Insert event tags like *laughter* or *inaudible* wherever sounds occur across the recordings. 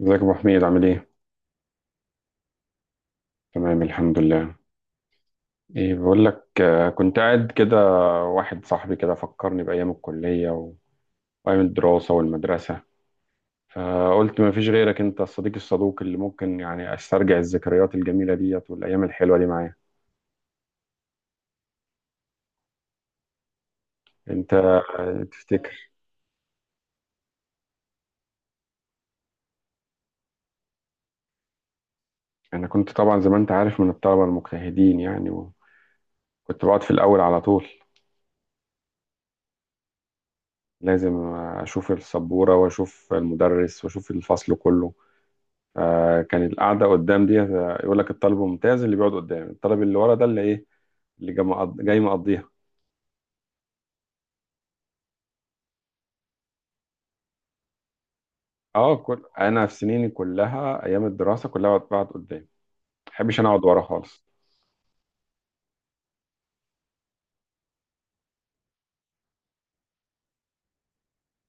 ازيك يا ابو حميد، عامل ايه؟ تمام، الحمد لله. ايه بقول لك. كنت قاعد كده. واحد صاحبي كده فكرني بايام الكليه وايام الدراسه والمدرسه. فقلت ما فيش غيرك، انت الصديق الصدوق اللي ممكن يعني استرجع الذكريات الجميله ديت والايام الحلوه دي معايا. انت؟ تفتكر. انا كنت طبعا زي ما انت عارف من الطلبه المجتهدين يعني، وكنت بقعد في الاول على طول. لازم اشوف السبوره واشوف المدرس واشوف الفصل كله. فكان القعده قدام دي يقول لك الطالب الممتاز اللي بيقعد قدام، الطالب اللي ورا ده اللي ايه، اللي جاي مقضيها. اه، كل انا في سنيني كلها، ايام الدراسه كلها بقعد قدام، ما بحبش انا اقعد ورا خالص.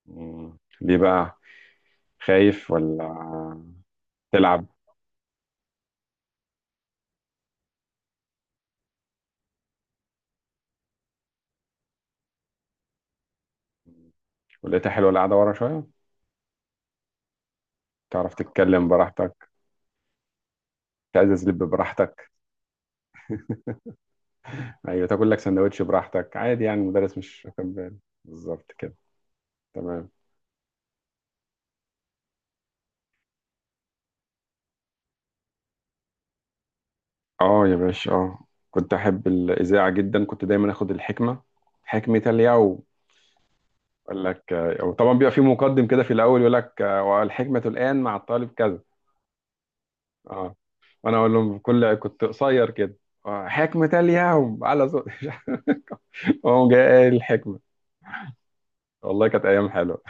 مم. ليه بقى؟ خايف ولا تلعب؟ ولقيتها حلوه القعده ورا شويه. تعرف تتكلم براحتك. تعزز لب براحتك. ايوه، تاكل لك سندوتش براحتك عادي يعني، المدرس مش واخد باله. بالظبط كده. تمام. اه يا باشا، اه. كنت احب الاذاعه جدا، كنت دايما اخد الحكمه، حكمه اليوم. يقول لك وطبعا بيبقى في مقدم كده في الاول، يقول لك والحكمه الان مع الطالب كذا. اه، وانا اقول لهم بكل، كنت قصير كده. حكمه اليوم على صوت *laughs* هو جاي قايل الحكمه. والله كانت ايام حلوه.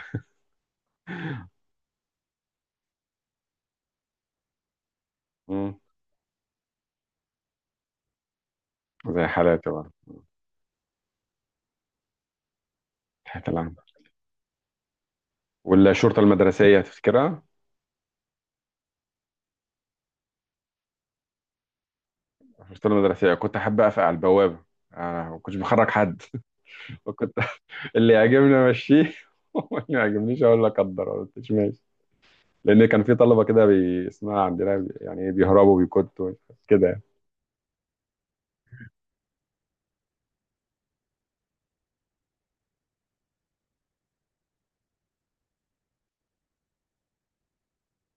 مم. زي حالاتي بقى. حياة العام. والشرطه المدرسيه تفتكرها؟ الشرطه المدرسيه كنت احب اقف على البوابه. ما كنتش بخرج حد. *laughs* وكنت اللي يعجبني امشيه *laughs* واللي ما يعجبنيش اقول لك قدر ما قلتش ماشي. لان كان في طلبه كده اسمها عندنا يعني إيه، بيهربوا بيكتوا كده يعني.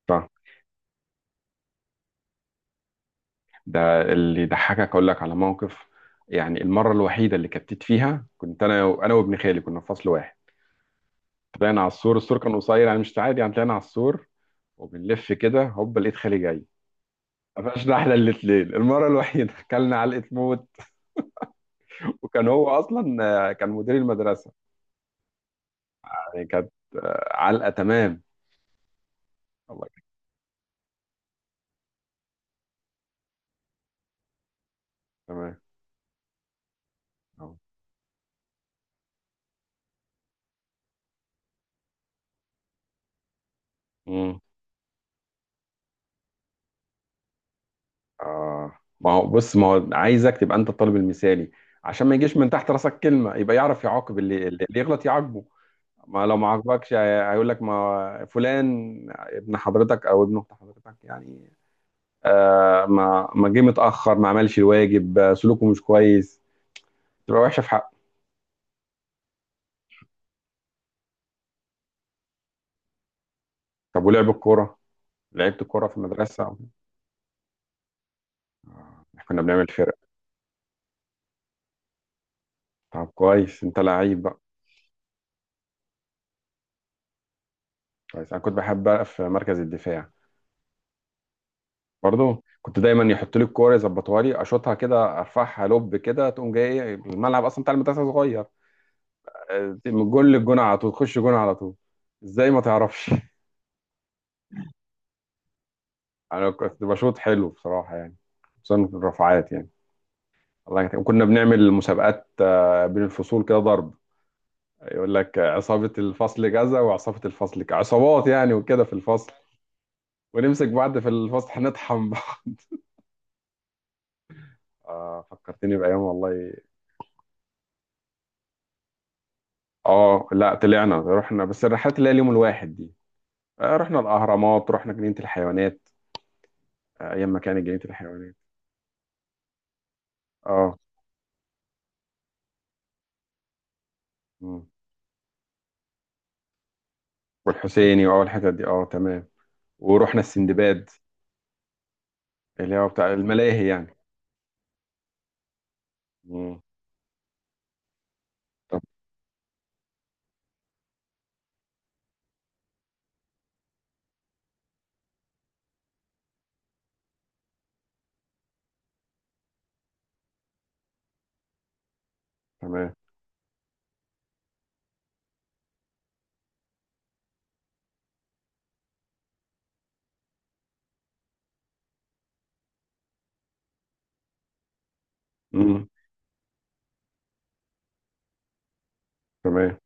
صح. ده اللي يضحكك، اقول لك على موقف. يعني المره الوحيده اللي كتت فيها كنت انا وابن خالي كنا في فصل واحد. طلعنا على السور، السور كان قصير يعني، مش عادي يعني، طلعنا على السور وبنلف كده هوب لقيت خالي جاي. قفشنا *laughs* احنا الاتنين، المره الوحيده اكلنا علقه موت. وكان هو اصلا كان مدير المدرسه. يعني كانت علقه. تمام. الله. تمام. أهو. امم آه، ما هو بص، ما هو عايزك تبقى انت الطالب المثالي، عشان ما يجيش من تحت راسك كلمه، يبقى يعرف يعاقب اللي يغلط يعاقبه. ما لو ما عاقبكش هيقول لك ما فلان ابن حضرتك او ابن اخت حضرتك يعني. ما جه متاخر، ما عملش الواجب، سلوكه مش كويس، تبقى وحشه في حقه. طب ولعب الكوره؟ لعبت الكوره في المدرسه؟ احنا كنا بنعمل فرق. طب كويس، انت لعيب بقى. كويس، انا كنت بحب بقى في مركز الدفاع. برضه كنت دايما يحط لي الكوره يظبطها لي اشوطها كده، ارفعها لوب كده تقوم جاي، ايه الملعب اصلا بتاع المدرسه صغير. من جول للجون على طول، تخش جون على طول. ازاي ما تعرفش *laughs* انا كنت بشوط حلو بصراحه يعني، خصوصا في الرفعات يعني. الله يكتب. وكنا بنعمل مسابقات بين الفصول كده، ضرب. يقول لك عصابه الفصل كذا وعصابه الفصل كذا، عصابات يعني وكده في الفصل. ونمسك بعض في الفصل، هنطحن بعض *laughs* فكرتني بايام والله. اه لا، طلعنا رحنا، بس الرحلات اللي هي اليوم الواحد دي. رحنا الأهرامات، رحنا جنينة الحيوانات. أيام ما كانت جنينة الحيوانات. اه. مم. والحسيني وأول الحتت دي، اه تمام. ورحنا السندباد، اللي هو بتاع الملاهي يعني. مم. طب تمام. مم. تمام.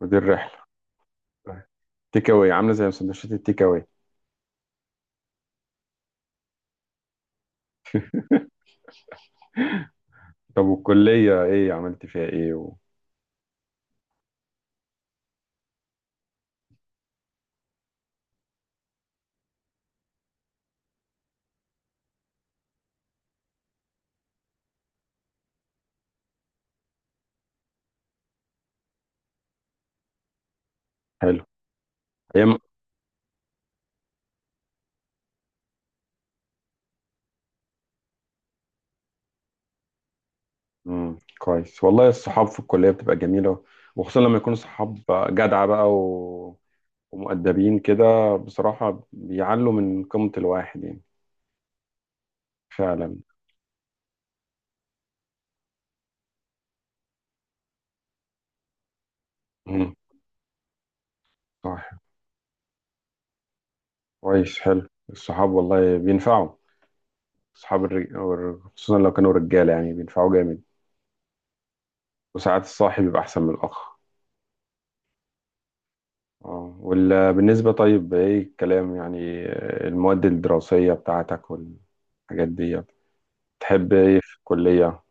ودي الرحلة. تيك أواي، عاملة زي سندوتشات التيك أواي. طب والكلية إيه عملت فيها إيه؟ حلو. أيام. مم. كويس والله، الصحاب في الكلية بتبقى جميلة، وخصوصا لما يكونوا صحاب جدعة بقى ومؤدبين كده. بصراحة بيعلوا من قيمة الواحد يعني. فعلا. مم. صح. كويس، حلو الصحاب والله، بينفعوا. الصحاب خصوصا لو كانوا رجالة يعني، بينفعوا جامد. وساعات الصاحب بيبقى أحسن من الأخ. اه بالنسبة، طيب إيه الكلام يعني، المواد الدراسية بتاعتك والحاجات دي، بتحب إيه في الكلية؟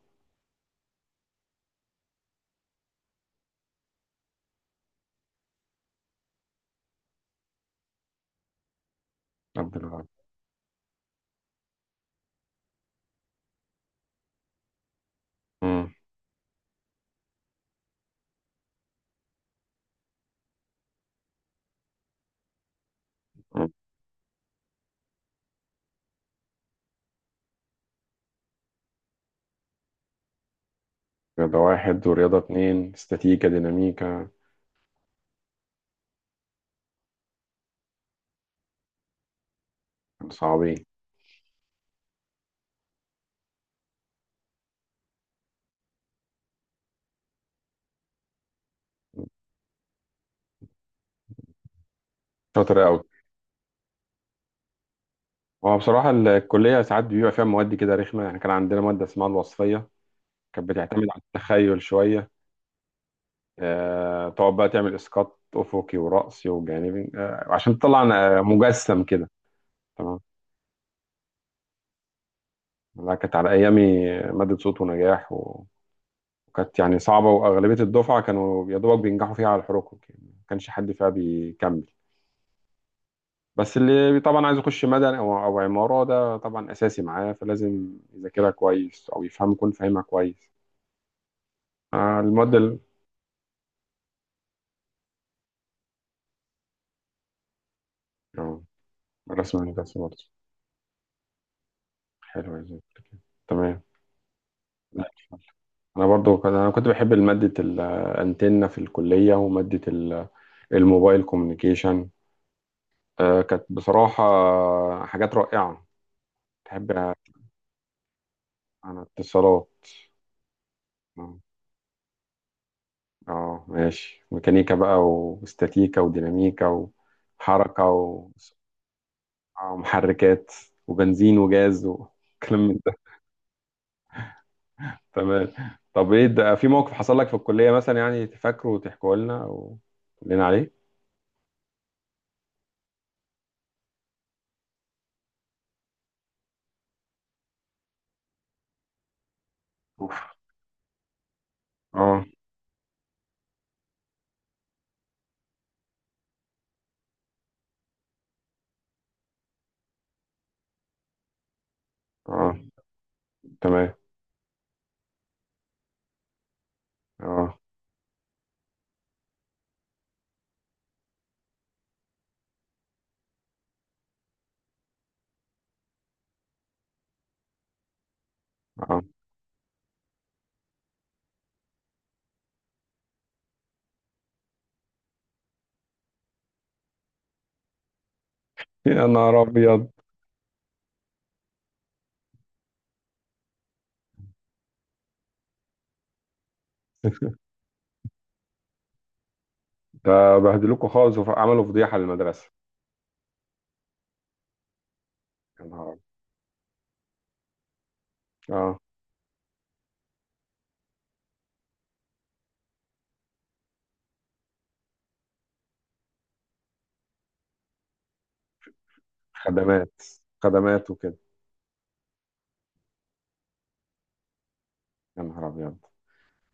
عبد الوهاب. مم. مم. رياضة واحد ورياضة اتنين، استاتيكا ديناميكا. كانوا صعبين؟ شاطر أوي. هو بصراحة الكلية ساعات بيبقى فيها مواد كده رخمة يعني، كان عندنا مادة اسمها الوصفية، كانت بتعتمد على التخيل شوية. تقعد بقى تعمل إسقاط أفقي ورأسي وجانبي عشان تطلع مجسم كده. تمام. لا كانت على أيامي، مادة صوت ونجاح، وكانت يعني صعبة، وأغلبية الدفعة كانوا يا دوبك بينجحوا فيها على الحروق يعني، ما كانش حد فيها بيكمل. بس اللي طبعا عايز يخش مدني أو عمارة، ده طبعا أساسي معاه، فلازم يذاكرها كويس أو يفهم، يكون فاهمها كويس. آه، المواد ال- آه، الرسم الهندسي برضه، حلو زي كده. تمام. انا كنت بحب ماده الانتنه في الكليه الموبايل كوميونيكيشن. كانت بصراحه حاجات رائعه. تحب عن اتصالات؟ اه. ماشي، ميكانيكا بقى، واستاتيكا وديناميكا وحركه ومحركات وبنزين وجاز وكلام من ده. تمام. طب ايه ده، في موقف حصل لك في الكليه مثلا يعني تفكره وتحكوا لنا وتقول لنا عليه؟ اوف. اه. اه. تمام. اه. اه. يا نهار ابيض. ده بهدلوكوا خالص وعملوا فضيحه للمدرسه. يا نهار أبيض. اه. خدمات، خدمات وكده. يا نهار ابيض.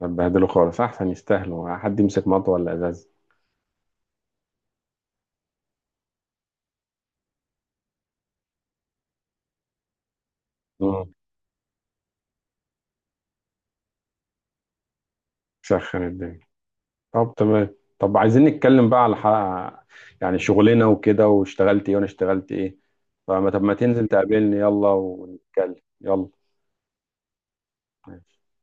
ده بهدلوا خالص، احسن يستاهلوا، حد يمسك مطوه ولا ازاز. مم. سخن الدنيا. طب تمام، طب عايزين نتكلم بقى على حق، يعني شغلنا وكده، واشتغلت ايه وانا اشتغلت ايه. فما طب، ما تنزل تقابلني يلا ونتكلم. يلا. ماشي.